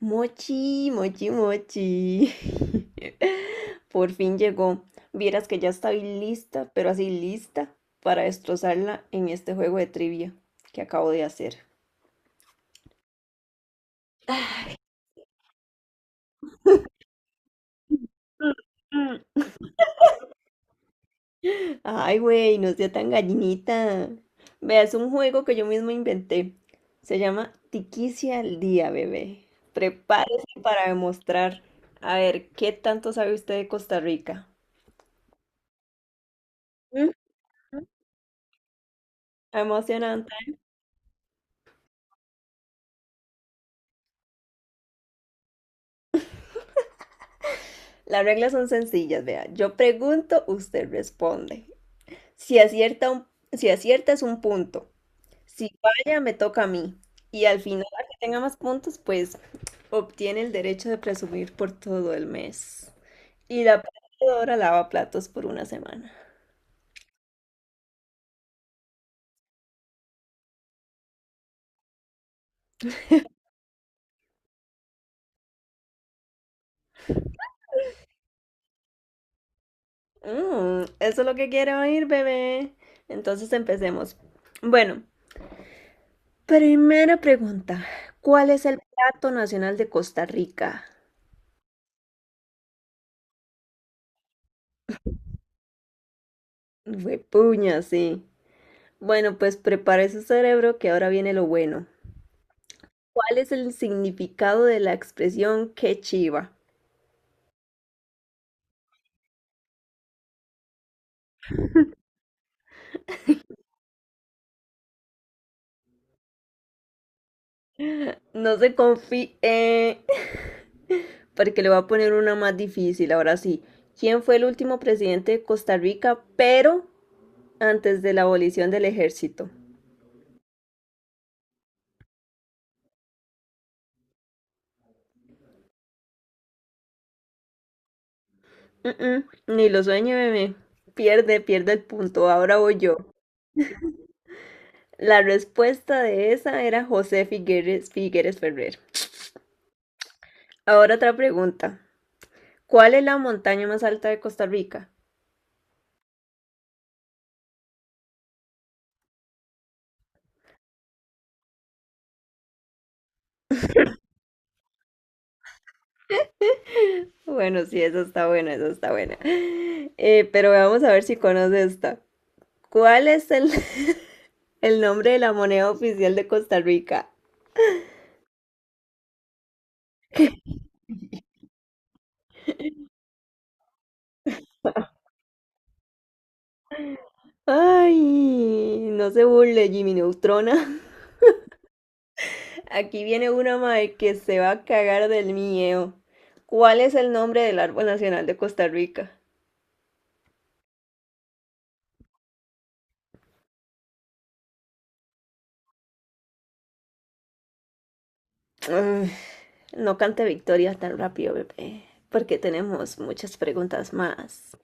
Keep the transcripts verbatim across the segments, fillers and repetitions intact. Mochi, mochi, mochi. Por fin llegó. Vieras que ya estoy lista, pero así lista para destrozarla en este juego de trivia que acabo de hacer. Mm. Ay, güey, no sea tan gallinita. Vea, es un juego que yo mismo inventé. Se llama Tiquicia al día, bebé. Prepárese para demostrar. A ver, ¿qué tanto sabe usted de Costa Rica? mm, Emocionante. Las reglas son sencillas, vea. Yo pregunto, usted responde. Si acierta, un- si acierta es un punto. Si falla, me toca a mí. Y al final, al que tenga más puntos, pues obtiene el derecho de presumir por todo el mes. Y la perdedora lava platos por una semana. Mm, eso es lo que quiero oír, bebé. Entonces empecemos. Bueno, primera pregunta. ¿Cuál es el plato nacional de Costa Rica? Fue puña, sí. Bueno, pues prepare su cerebro que ahora viene lo bueno. ¿Cuál es el significado de la expresión qué chiva? No se confíe, porque le voy a poner una más difícil, ahora sí. ¿Quién fue el último presidente de Costa Rica, pero antes de la abolición del ejército? Mm, mm, ni lo sueñe, bebé. Pierde, pierde el punto. Ahora voy yo. La respuesta de esa era José Figueres, Figueres Ferrer. Ahora otra pregunta. ¿Cuál es la montaña más alta de Costa Rica? Bueno, sí, esa está buena, esa está buena. Eh, pero vamos a ver si conoce esta. ¿Cuál es el, el nombre de la moneda oficial de Costa Rica? Ay, no se burle, Jimmy Neutrona. Aquí viene una madre que se va a cagar del miedo. ¿Cuál es el nombre del árbol nacional de Costa Rica? Ay, no cante victoria tan rápido, bebé, porque tenemos muchas preguntas más.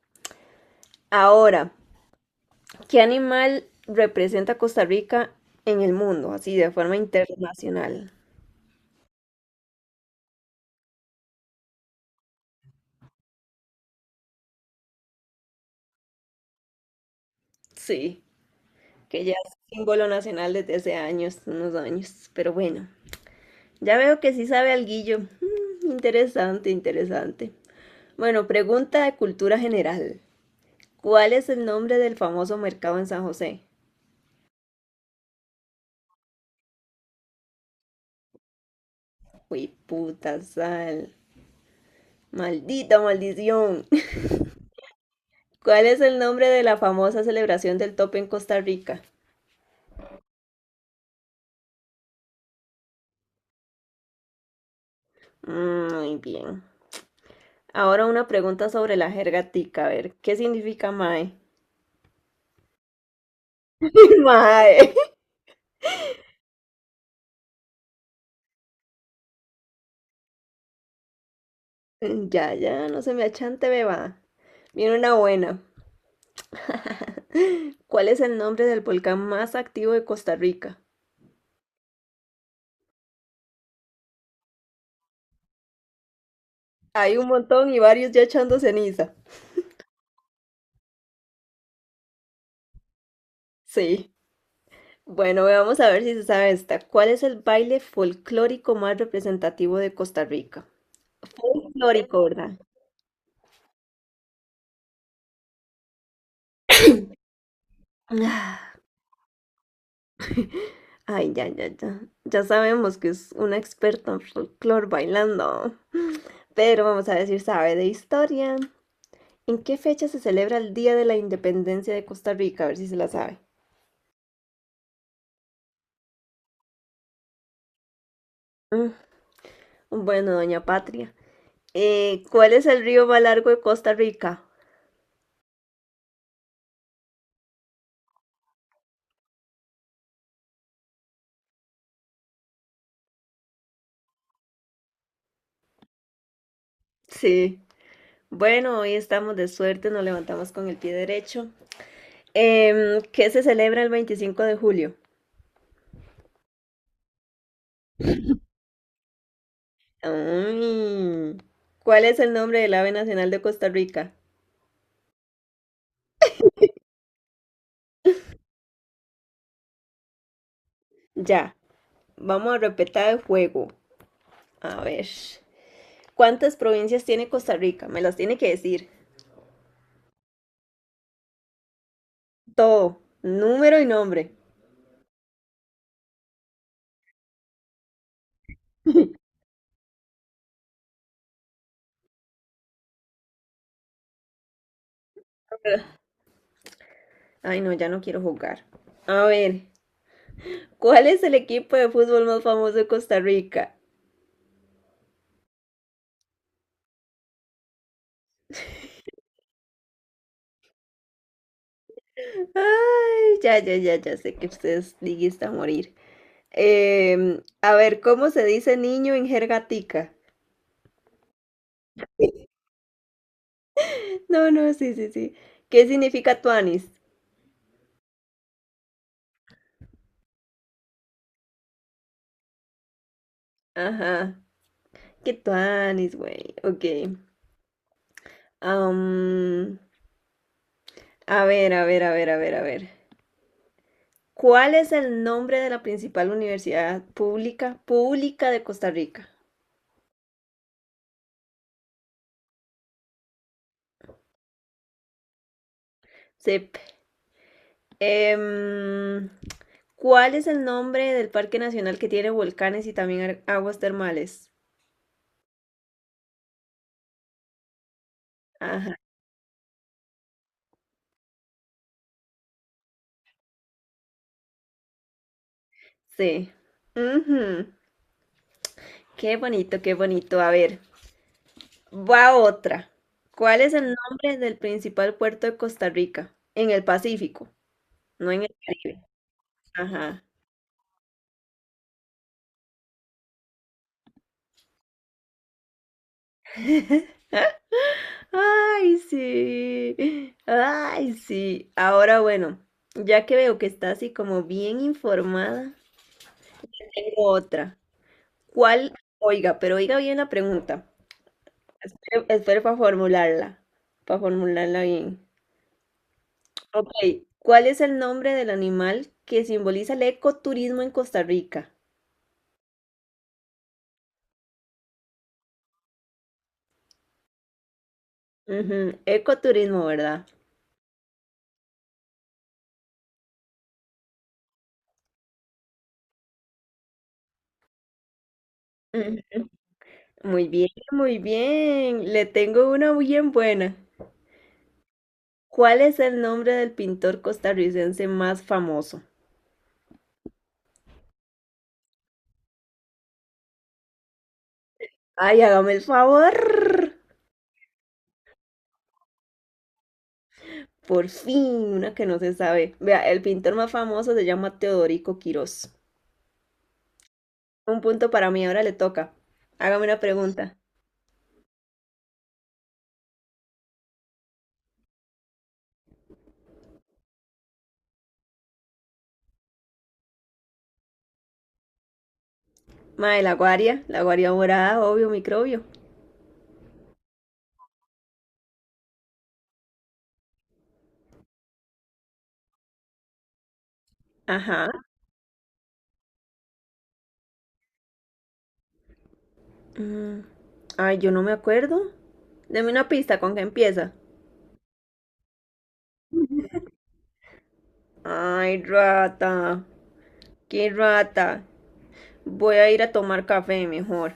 Ahora, ¿qué animal representa a Costa Rica en el mundo, así de forma internacional? Sí, que ya es símbolo nacional desde hace años, unos años, pero bueno, ya veo que sí sabe alguillo. Mm, interesante, interesante. Bueno, pregunta de cultura general. ¿Cuál es el nombre del famoso mercado en San José? Uy, puta sal. Maldita maldición. ¿Cuál es el nombre de la famosa celebración del tope en Costa Rica? Mm. Muy bien. Ahora una pregunta sobre la jerga tica, a ver, ¿qué significa mae? Mae. Ya, ya, no se me achante, beba. Viene una buena. ¿Cuál es el nombre del volcán más activo de Costa Rica? Hay un montón y varios ya echando ceniza. Sí. Bueno, vamos a ver si se sabe esta. ¿Cuál es el baile folclórico más representativo de Costa Rica? Folclórico, ¿verdad? Ah. Ay, ya, ya, ya. Ya sabemos que es una experta en folclore bailando. Pero vamos a decir, sabe de historia. ¿En qué fecha se celebra el Día de la Independencia de Costa Rica? A ver si se la sabe. Mm. Bueno, doña Patria. Eh, ¿cuál es el río más largo de Costa Rica? Sí. Bueno, hoy estamos de suerte, nos levantamos con el pie derecho. Em, ¿qué se celebra el veinticinco de julio? Mm. ¿Cuál es el nombre del ave nacional de Costa Rica? Ya, vamos a repetir el juego. A ver. ¿Cuántas provincias tiene Costa Rica? Me las tiene que decir. Todo, número y nombre. Ay, no, ya no quiero jugar. A ver, ¿cuál es el equipo de fútbol más famoso de Costa Rica? Ay, ya, ya, ya, ya sé que ustedes liguista a morir. Em, a ver, ¿cómo se dice niño en jerga tica? No, no, sí, sí, sí. ¿Qué significa tuanis? Ajá. ¿Qué tuanis, güey? Ok. Am, a ver, a ver, a ver, a ver, a ver. ¿Cuál es el nombre de la principal universidad pública pública de Costa Rica? Sip. Em, ¿cuál es el nombre del parque nacional que tiene volcanes y también ar- aguas termales? Ajá, sí. Ujú. Qué bonito, qué bonito. A ver, va otra. ¿Cuál es el nombre del principal puerto de Costa Rica? En el Pacífico, no en el Caribe. Ajá. Ay, sí. Ay, sí. Ahora bueno, ya que veo que está así como bien informada, tengo otra. ¿Cuál? Oiga, pero oiga bien la pregunta. Espere, espere para formularla, para formularla bien. Ok, ¿cuál es el nombre del animal que simboliza el ecoturismo en Costa Rica? Ujú, ecoturismo, ¿verdad? Ujú. Muy bien, muy bien. Le tengo una bien buena. ¿Cuál es el nombre del pintor costarricense más famoso? Ay, hágame el favor. Por fin, una que no se sabe. Vea, el pintor más famoso se llama Teodorico Quirós. Un punto para mí, ahora le toca. Hágame una pregunta. Mae, la guaria, la guaria morada, obvio, microbio. Ajá. Mm. Ay, yo no me acuerdo. Deme una pista, ¿con qué empieza? Ay, rata. Qué rata. Voy a ir a tomar café mejor.